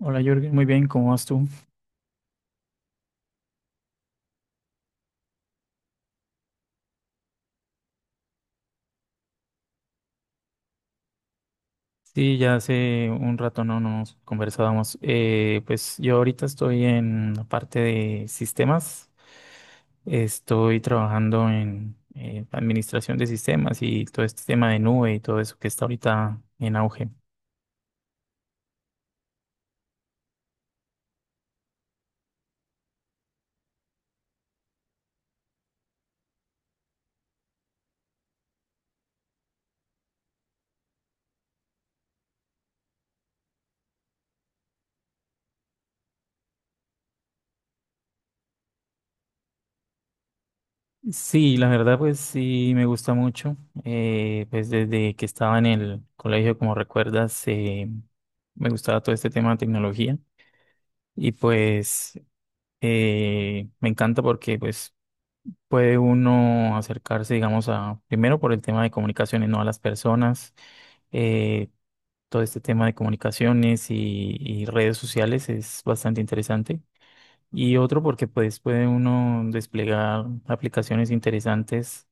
Hola Jürgen, muy bien, ¿cómo vas tú? Sí, ya hace un rato no nos conversábamos. Pues yo ahorita estoy en la parte de sistemas, estoy trabajando en administración de sistemas y todo este tema de nube y todo eso que está ahorita en auge. Sí, la verdad pues sí me gusta mucho. Pues desde que estaba en el colegio, como recuerdas, me gustaba todo este tema de tecnología. Y pues Me encanta porque pues puede uno acercarse, digamos, a primero por el tema de comunicaciones, no, a las personas. Eh, Todo este tema de comunicaciones y redes sociales es bastante interesante. Y otro porque pues puede uno desplegar aplicaciones interesantes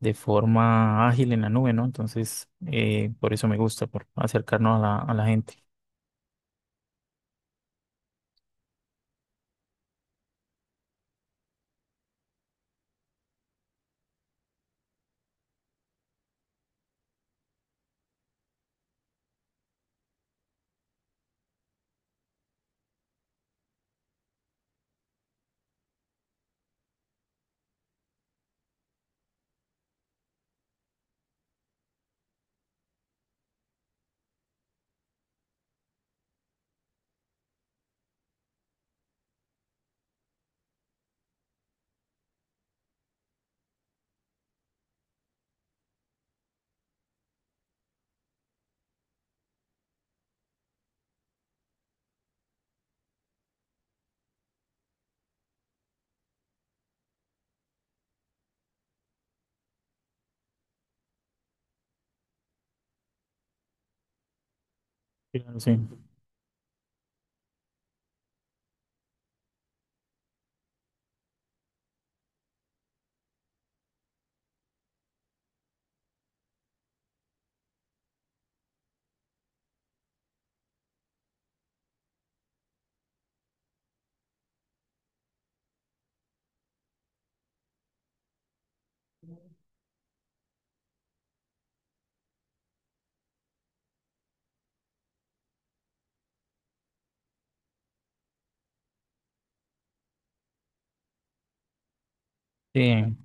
de forma ágil en la nube, ¿no? Entonces, por eso me gusta, por acercarnos a a la gente. Claro, sí. Sí.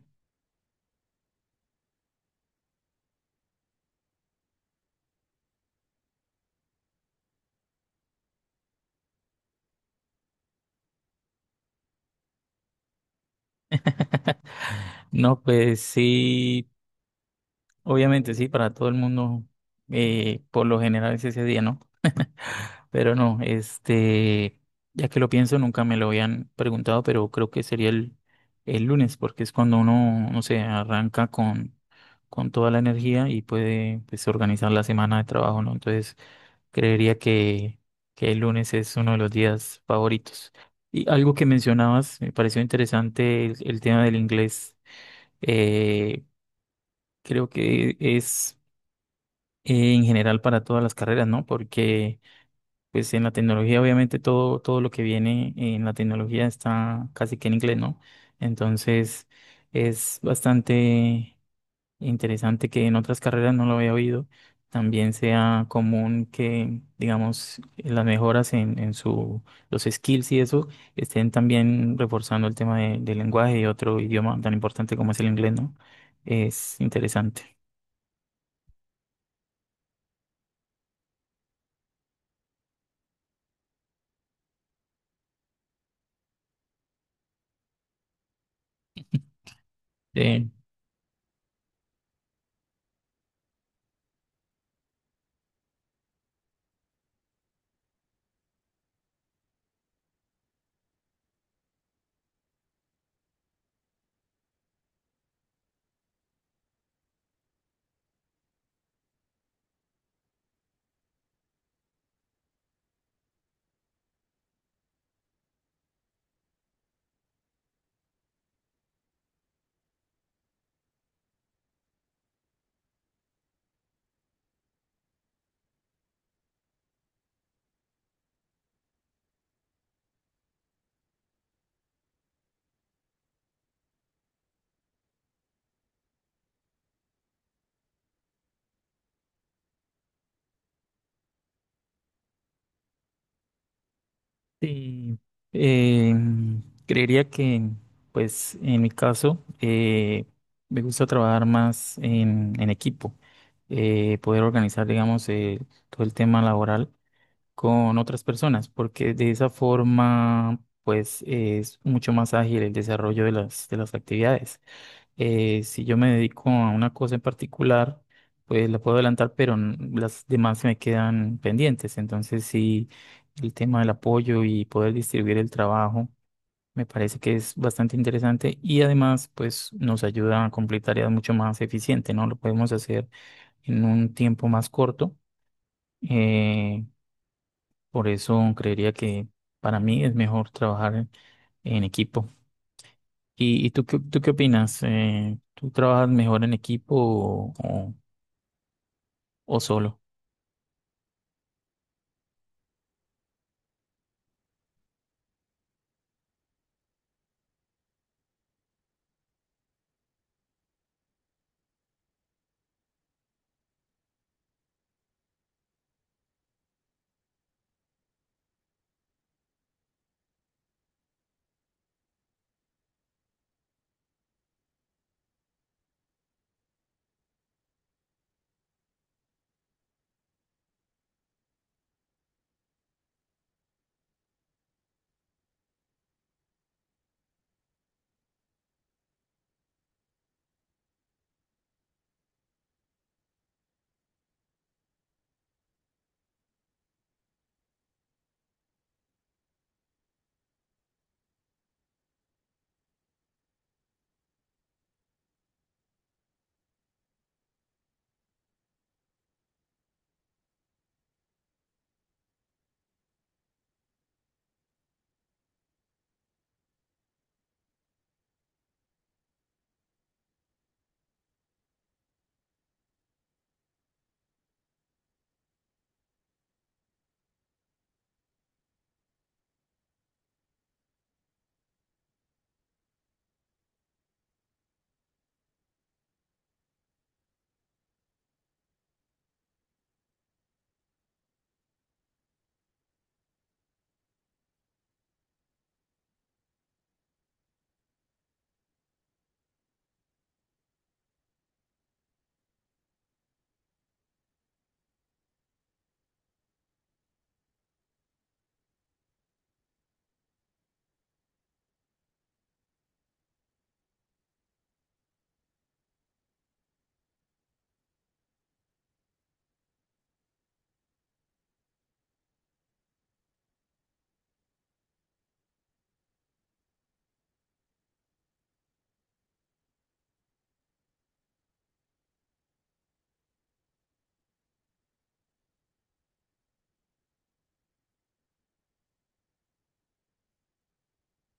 No, pues sí. Obviamente sí, para todo el mundo, por lo general es ese día, ¿no? Pero no, este, ya que lo pienso, nunca me lo habían preguntado, pero creo que sería el lunes, porque es cuando uno, no sé, arranca con toda la energía y puede, pues, organizar la semana de trabajo, ¿no? Entonces, creería que, que el lunes es uno de los días favoritos. Y algo que mencionabas, me pareció interesante el tema del inglés. Eh, Creo que es en general para todas las carreras, ¿no? Porque pues en la tecnología obviamente todo lo que viene en la tecnología está casi que en inglés, ¿no? Entonces es bastante interesante que en otras carreras no lo había oído, también sea común que, digamos, las mejoras en su, los skills y eso estén también reforzando el tema del lenguaje y otro idioma tan importante como es el inglés, ¿no? Es interesante. Sí, eh, creería que, pues, en mi caso, me gusta trabajar más en equipo, poder organizar, digamos, todo el tema laboral con otras personas, porque de esa forma, pues, es mucho más ágil el desarrollo de de las actividades. Si yo me dedico a una cosa en particular, pues la puedo adelantar, pero las demás se me quedan pendientes. Entonces, sí, el tema del apoyo y poder distribuir el trabajo me parece que es bastante interesante y además, pues nos ayuda a cumplir tareas mucho más eficiente, ¿no? Lo podemos hacer en un tiempo más corto. Eh, por eso creería que para mí es mejor trabajar en equipo. ¿Y tú, tú qué opinas? ¿Tú trabajas mejor en equipo o solo?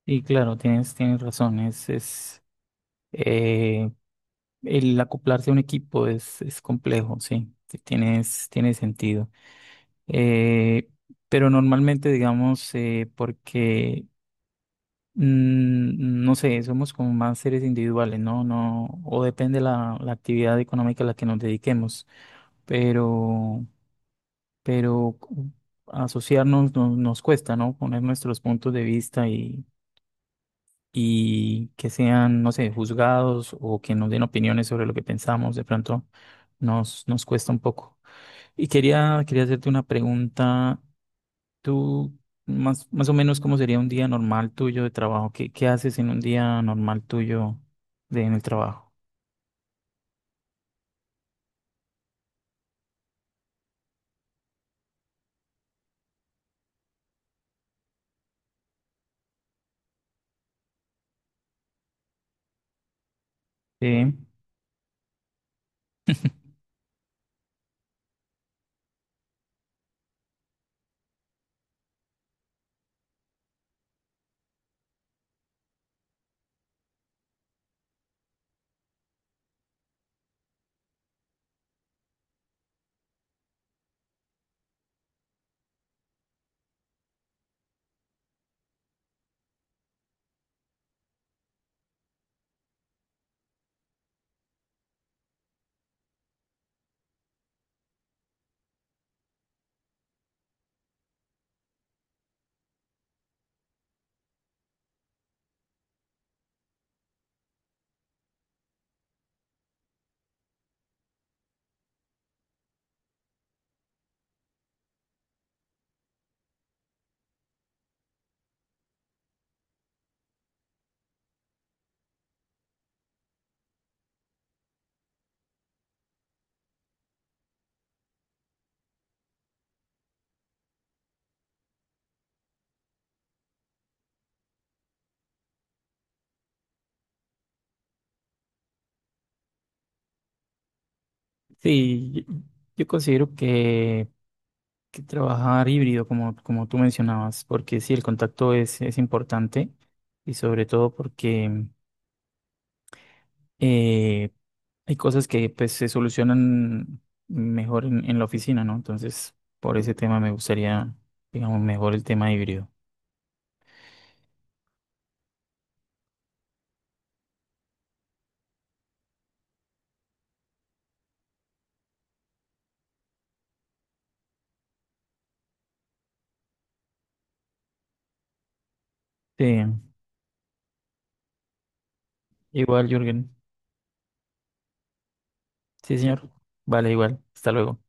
Y claro, tienes razón, es eh, el acoplarse a un equipo es complejo, sí, sí, tiene sentido. Eh, pero normalmente, digamos, porque, no sé, somos como más seres individuales, ¿no? No, o depende la actividad económica a la que nos dediquemos. Pero pero cu- Asociarnos nos cuesta, ¿no? Poner nuestros puntos de vista y que sean, no sé, juzgados o que nos den opiniones sobre lo que pensamos, de pronto nos cuesta un poco. Y quería hacerte una pregunta. Tú, más o menos, ¿cómo sería un día normal tuyo de trabajo? ¿Qué haces en un día normal tuyo en el trabajo? Sí. Sí, yo considero que trabajar híbrido, como, como tú mencionabas, porque sí, el contacto es importante y sobre todo porque eh, hay cosas que pues, se solucionan mejor en la oficina, ¿no? Entonces, por ese tema me gustaría, digamos, mejor el tema híbrido. Sí, igual, Jürgen. Sí, señor. Vale, igual. Hasta luego.